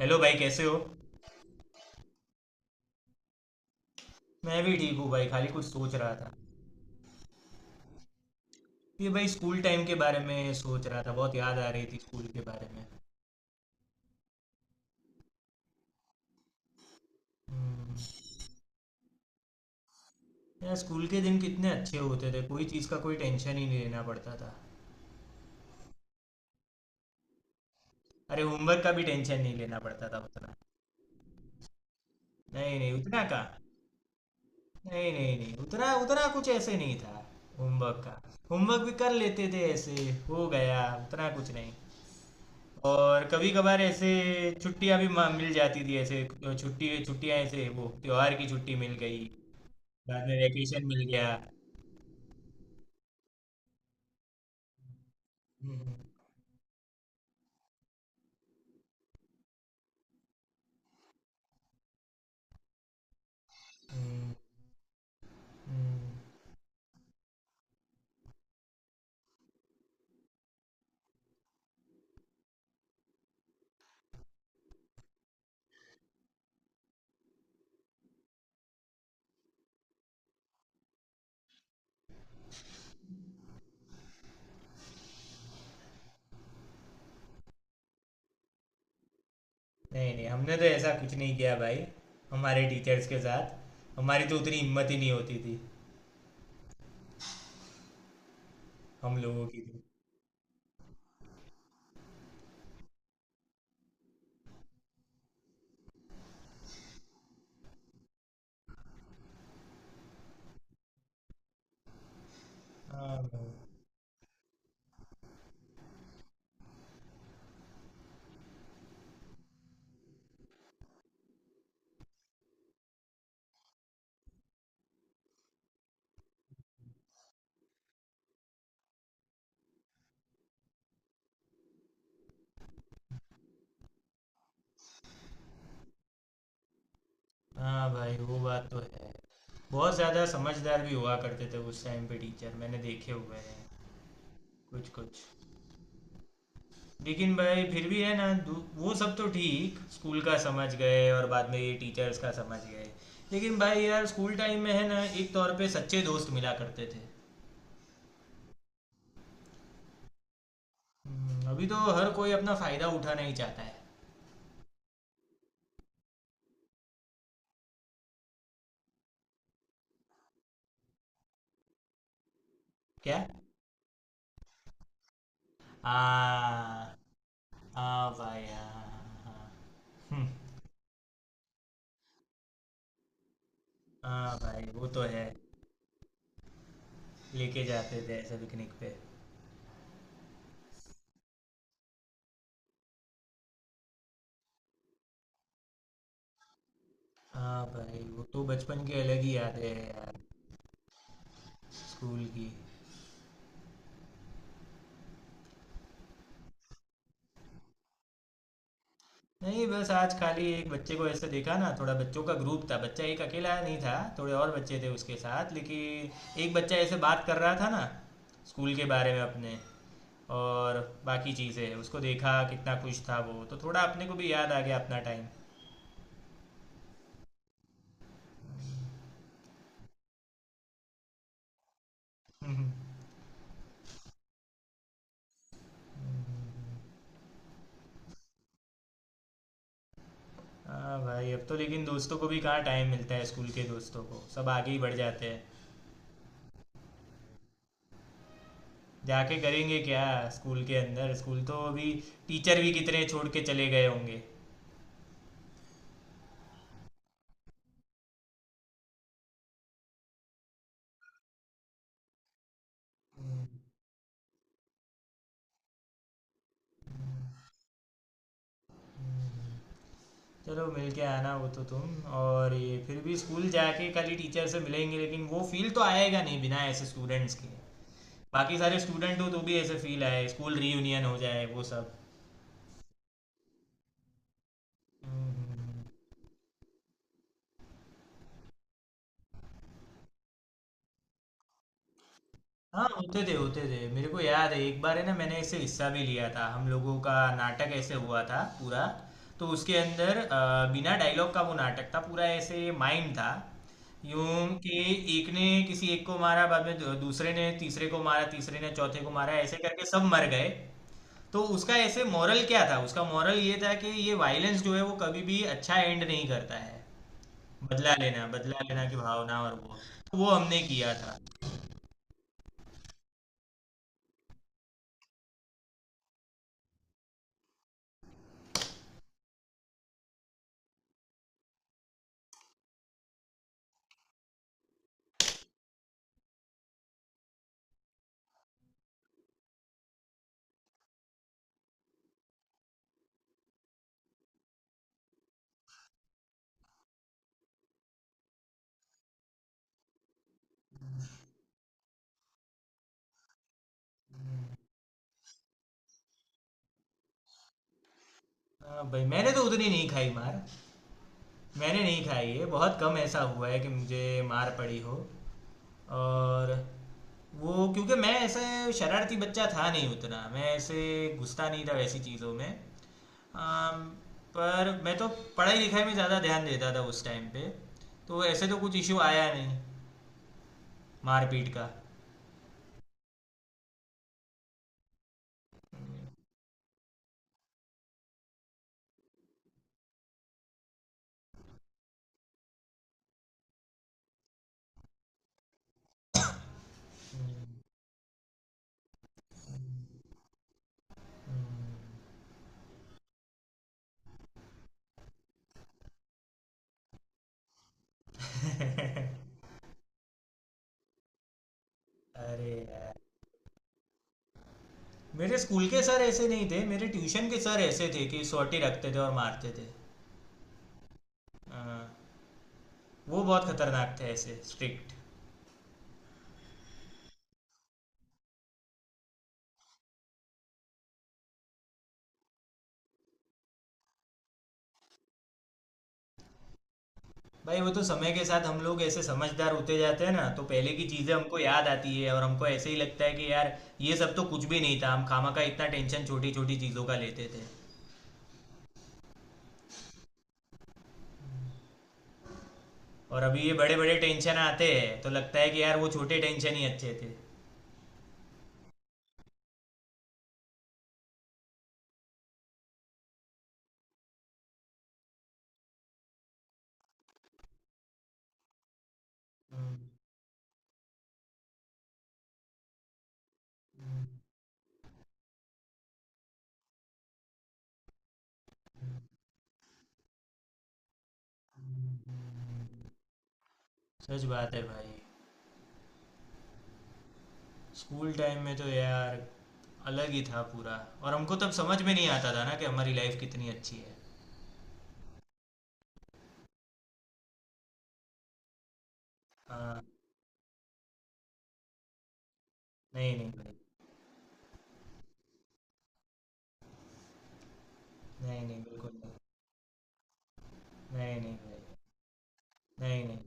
Hello भाई, कैसे हो। मैं भी ठीक हूँ भाई, खाली कुछ सोच रहा था। ये भाई स्कूल टाइम के बारे में सोच रहा था, बहुत याद आ रही थी स्कूल के बारे में। हम्म। यार, स्कूल के दिन कितने अच्छे होते थे, कोई चीज़ का कोई टेंशन ही नहीं लेना पड़ता था। अरे होमवर्क का भी टेंशन नहीं लेना पड़ता था उतना। नहीं नहीं, उतना का नहीं नहीं नहीं। उतना उतना कुछ ऐसे नहीं था होमवर्क का। होमवर्क भी कर लेते थे, ऐसे हो गया, उतना कुछ नहीं। और कभी कभार ऐसे छुट्टियां भी मिल जाती थी, ऐसे छुट्टी, छुट्टियां, ऐसे वो त्योहार की छुट्टी मिल गई, बाद में वैकेशन मिल गया। हम्म, हम्म, हम्म। नहीं नहीं, हमने तो ऐसा कुछ नहीं किया भाई हमारे टीचर्स के साथ। हमारी तो उतनी हिम्मत ही नहीं होती थी हम लोगों की तो। हाँ भाई। हाँ भाई, वो बात तो है। बहुत ज़्यादा समझदार भी हुआ करते थे उस टाइम पे टीचर, मैंने देखे हुए हैं कुछ कुछ। लेकिन भाई फिर भी है ना, वो सब तो ठीक, स्कूल का समझ गए, और बाद में ये टीचर्स का समझ गए। लेकिन भाई यार, स्कूल टाइम में है ना, एक तौर पे सच्चे दोस्त मिला करते थे। अभी तो हर कोई अपना फायदा उठाना ही चाहता है। क्या। हाँ। हाँ भाई, हाँ। हाँ। हम्म। हाँ भाई, वो तो है। लेके जाते थे ऐसे पिकनिक पे। हाँ भाई, वो तो बचपन की अलग ही यादें हैं यार, स्कूल की। नहीं बस आज खाली एक बच्चे को ऐसे देखा ना, थोड़ा बच्चों का ग्रुप था, बच्चा एक अकेला नहीं था, थोड़े और बच्चे थे उसके साथ, लेकिन एक बच्चा ऐसे बात कर रहा था ना स्कूल के बारे में अपने। और बाकी चीज़ें उसको देखा कितना खुश था वो, तो थोड़ा अपने को भी याद आ गया अपना टाइम। हाँ भाई, अब तो लेकिन दोस्तों को भी कहाँ टाइम मिलता है, स्कूल के दोस्तों को, सब आगे ही बढ़ जाते हैं। जाके करेंगे क्या स्कूल के अंदर, स्कूल तो अभी, टीचर भी कितने छोड़ के चले गए होंगे। चलो मिल के आना वो तो तुम, और ये फिर भी स्कूल जाके खाली टीचर से मिलेंगे, लेकिन वो फील तो आएगा नहीं बिना ऐसे स्टूडेंट्स के। बाकी सारे स्टूडेंट हो तो भी ऐसे फील आए, स्कूल रीयूनियन हो जाए, वो सब। हम्म, हम्म, हम्म। हाँ, होते थे होते थे। मेरे को याद है एक बार है ना, मैंने इससे हिस्सा भी लिया था, हम लोगों का नाटक ऐसे हुआ था पूरा। तो उसके अंदर बिना डायलॉग का वो नाटक था पूरा, ऐसे माइंड था यूं कि एक ने किसी एक को मारा, बाद में दूसरे ने तीसरे को मारा, तीसरे ने चौथे को मारा, ऐसे करके सब मर गए। तो उसका ऐसे मॉरल क्या था, उसका मॉरल ये था कि ये वायलेंस जो है वो कभी भी अच्छा एंड नहीं करता है। बदला लेना, बदला लेना की भावना और वो, तो वो हमने किया था। हाँ भाई, मैंने तो उतनी नहीं खाई मार। मैंने नहीं खाई है, बहुत कम ऐसा हुआ है कि मुझे मार पड़ी हो। और वो क्योंकि मैं ऐसे शरारती बच्चा था नहीं उतना, मैं ऐसे घुसता नहीं था वैसी चीज़ों में। अम, पर मैं तो पढ़ाई लिखाई में ज़्यादा ध्यान देता था उस टाइम पे, तो ऐसे तो कुछ इशू आया नहीं मारपीट का। अरे यार, मेरे स्कूल के सर ऐसे नहीं थे, मेरे ट्यूशन के सर ऐसे थे कि सोटी रखते थे और मारते थे। हाँ, वो बहुत खतरनाक थे, ऐसे स्ट्रिक्ट। भाई वो तो समय के साथ हम लोग ऐसे समझदार होते जाते हैं ना, तो पहले की चीजें हमको याद आती है और हमको ऐसे ही लगता है कि यार ये सब तो कुछ भी नहीं था, हम खामा का इतना टेंशन छोटी छोटी चीजों का लेते थे। और अभी ये बड़े बड़े टेंशन आते हैं तो लगता है कि यार वो छोटे टेंशन ही अच्छे थे। सच बात है भाई। स्कूल टाइम में तो यार अलग ही था पूरा, और हमको तब समझ में नहीं आता था ना कि हमारी लाइफ कितनी अच्छी है। हाँ। नहीं नहीं भाई। नहीं नहीं बिल्कुल, नहीं नहीं नहीं भाई। नहीं नहीं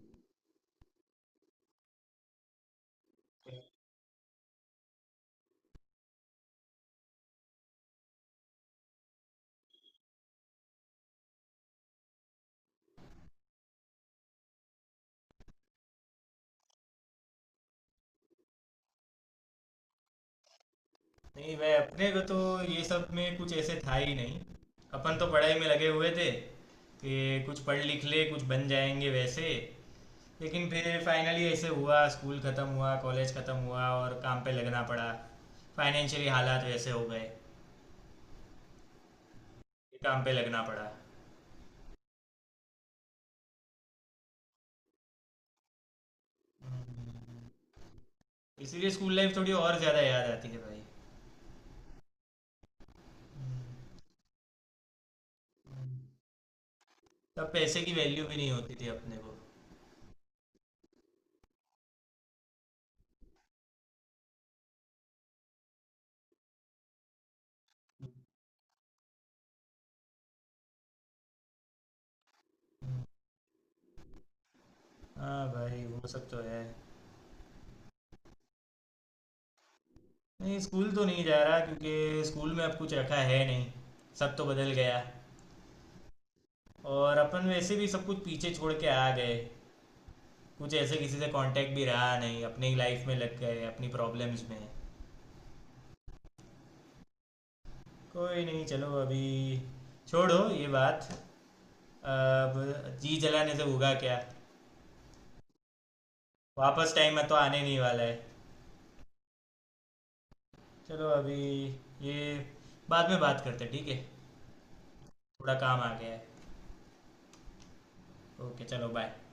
नहीं भाई, अपने को तो ये सब में कुछ ऐसे था ही नहीं। अपन तो पढ़ाई में लगे हुए थे कि कुछ पढ़ लिख ले, कुछ बन जाएंगे वैसे। लेकिन फिर फाइनली ऐसे हुआ, स्कूल ख़त्म हुआ, कॉलेज ख़त्म हुआ, और काम पे लगना पड़ा। फाइनेंशियली हालात वैसे हो गए कि काम पे लगना पड़ा। इसीलिए स्कूल लाइफ थोड़ी और ज़्यादा याद आती है भाई। तब पैसे की वैल्यू भी नहीं होती थी अपने को। हाँ भाई, वो सब तो है। नहीं, स्कूल तो नहीं जा रहा, क्योंकि स्कूल में अब कुछ रखा है नहीं, सब तो बदल गया। और अपन वैसे भी सब कुछ पीछे छोड़ के आ गए, कुछ ऐसे किसी से कांटेक्ट भी रहा नहीं, अपनी ही लाइफ में लग गए, अपनी प्रॉब्लम्स में। कोई नहीं, चलो अभी छोड़ो ये बात। अब जी जलाने से होगा क्या, वापस टाइम में तो आने नहीं वाला है। चलो अभी ये बाद में बात करते हैं, ठीक है। थोड़ा काम आ गया है। ओके, चलो बाय।